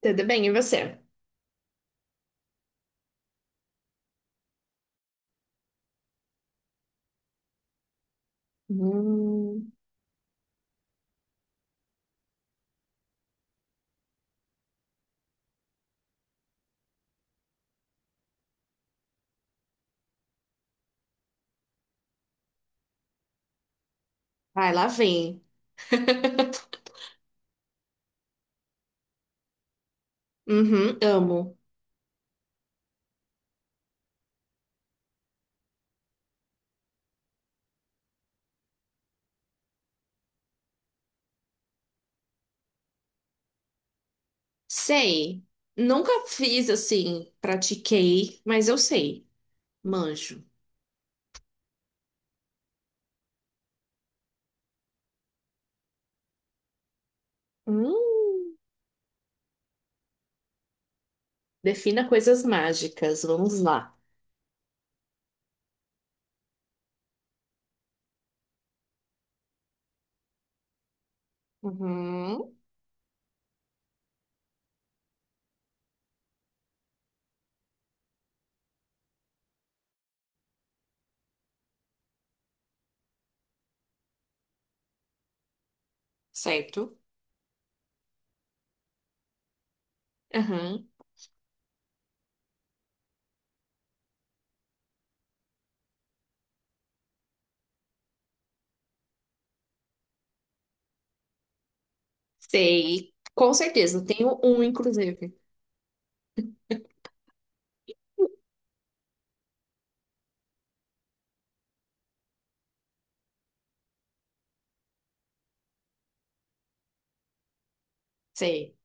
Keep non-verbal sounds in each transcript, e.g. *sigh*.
Tudo bem, e você? Hum, vai, lá vem. *laughs* Uhum, amo. Sei. Nunca fiz assim, pratiquei, mas eu sei. Manjo. Hum, defina coisas mágicas, vamos lá. Uhum, certo. Uhum, sei. Com certeza, tenho um, inclusive. Sei.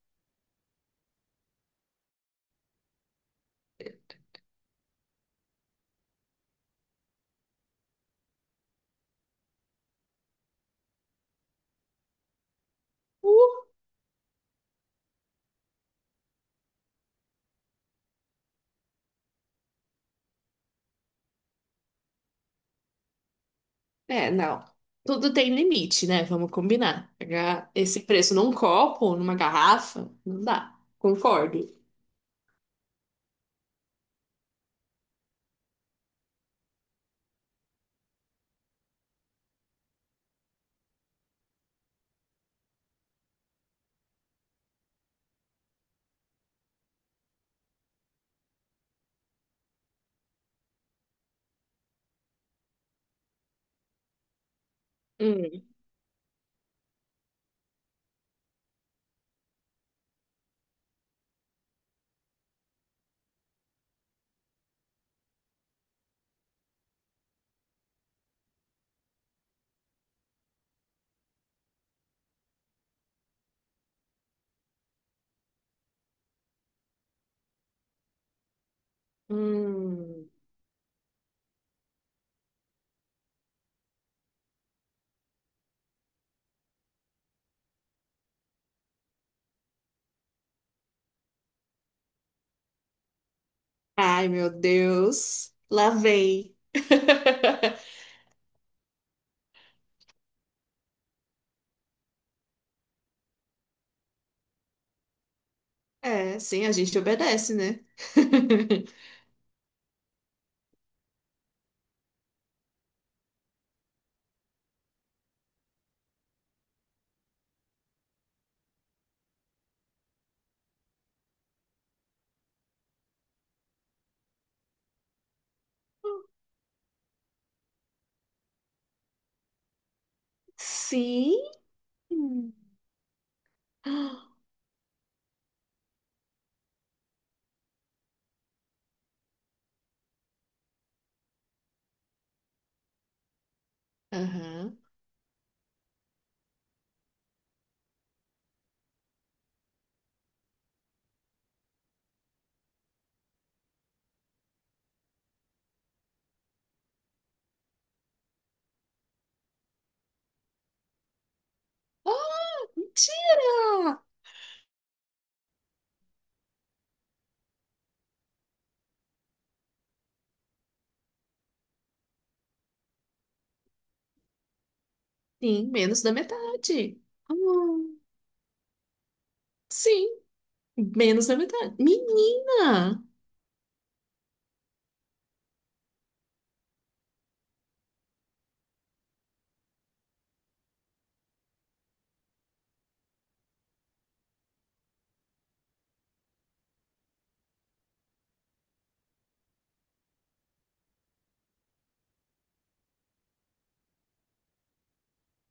É, não. Tudo tem limite, né? Vamos combinar. Pagar esse preço num copo, numa garrafa, não dá. Concordo. Hum. Hum. Ai, meu Deus. Lá vem. *laughs* É, sim, a gente obedece, né? *laughs* Sim. Aham. Oh, mentira! Sim, menos da metade. Ah, sim, menos da metade. Menina!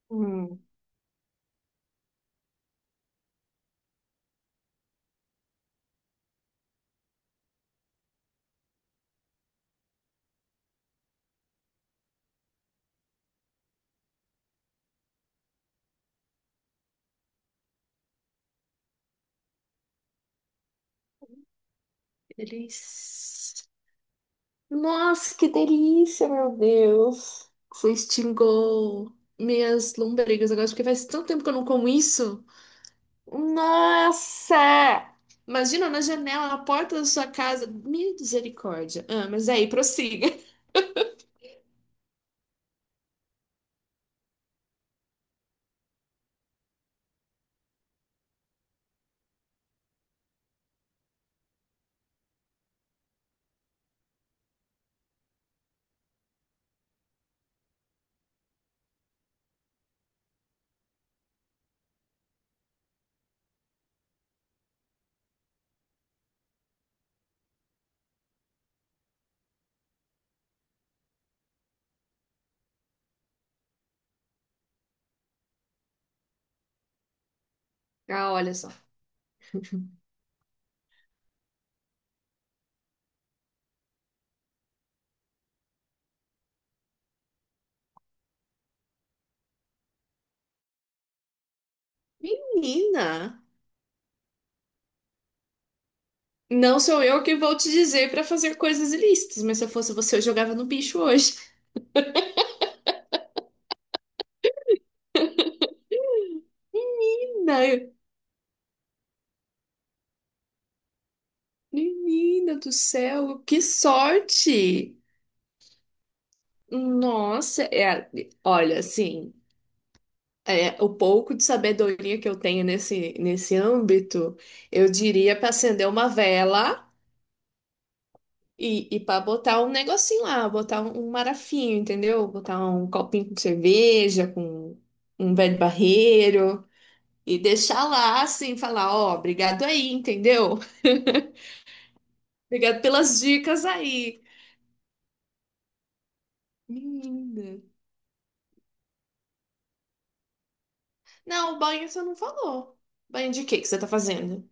Hum, eles. Nossa, que delícia, meu Deus. Você extingou minhas lombrigas agora, porque faz tanto tempo que eu não como isso. Nossa! Imagina na janela, na porta da sua casa. Misericórdia. Ah, mas é aí, prossiga. *laughs* Ah, olha só. Menina, não sou eu que vou te dizer pra fazer coisas ilícitas, mas se eu fosse você, eu jogava no bicho hoje. Menina, menina do céu, que sorte! Nossa, é, olha, assim. É, o pouco de sabedoria que eu tenho nesse âmbito, eu diria para acender uma vela e para botar um negocinho lá, botar um, um marafinho, entendeu? Botar um copinho com cerveja, com um velho barreiro e deixar lá assim, falar: "Ó, obrigado aí", entendeu? *laughs* Obrigado pelas dicas aí. Menina. Não, o banho você não falou. Banho de quê que você tá fazendo?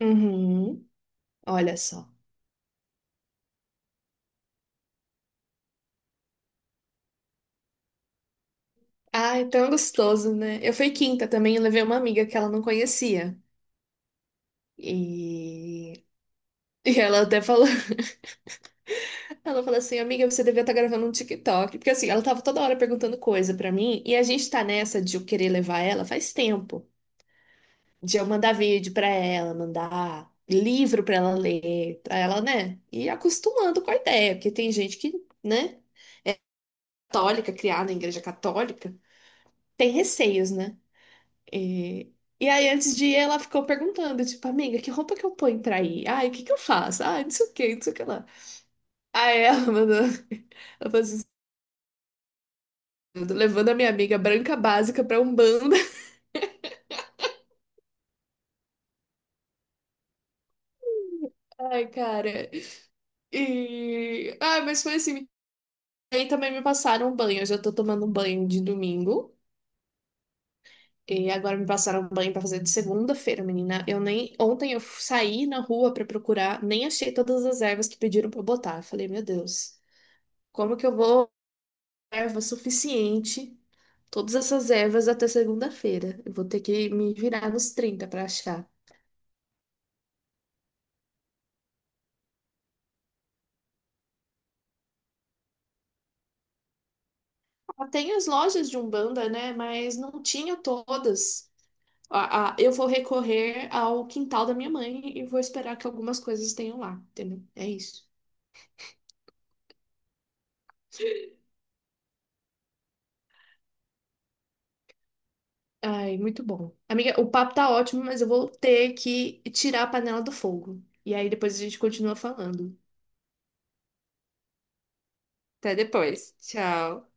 Uhum. Olha só. Ai, tão gostoso, né? Eu fui quinta também, eu levei uma amiga que ela não conhecia. E, *laughs* e ela até falou, *laughs* ela falou assim, amiga, você devia estar gravando um TikTok. Porque assim, ela tava toda hora perguntando coisa pra mim, e a gente tá nessa de eu querer levar ela faz tempo. De eu mandar vídeo pra ela, mandar livro pra ela ler, pra ela, né? E acostumando com a ideia, porque tem gente que, né, católica, criada em igreja católica, tem receios, né? E, e aí, antes de ir, ela ficou perguntando, tipo, amiga, que roupa que eu ponho pra ir? Ai, o que que eu faço? Ai, não sei o que, não sei o que lá. Aí ela mandou, *laughs* ela falou assim: "Tô levando a minha amiga branca básica pra Umbanda". *laughs* Ai, cara. E... Ah, mas foi assim, aí também me passaram um banho, eu já tô tomando um banho de domingo. E agora me passaram um banho pra fazer de segunda-feira, menina. Eu nem ontem eu saí na rua pra procurar, nem achei todas as ervas que pediram pra eu botar. Eu falei, meu Deus, como que eu vou erva suficiente, todas essas ervas até segunda-feira. Eu vou ter que me virar nos 30 para achar. Ah, tem as lojas de Umbanda, né? Mas não tinha todas. Ah, eu vou recorrer ao quintal da minha mãe e vou esperar que algumas coisas tenham lá, entendeu? É isso. Ai, muito bom. Amiga, o papo tá ótimo, mas eu vou ter que tirar a panela do fogo. E aí depois a gente continua falando. Até depois. Tchau.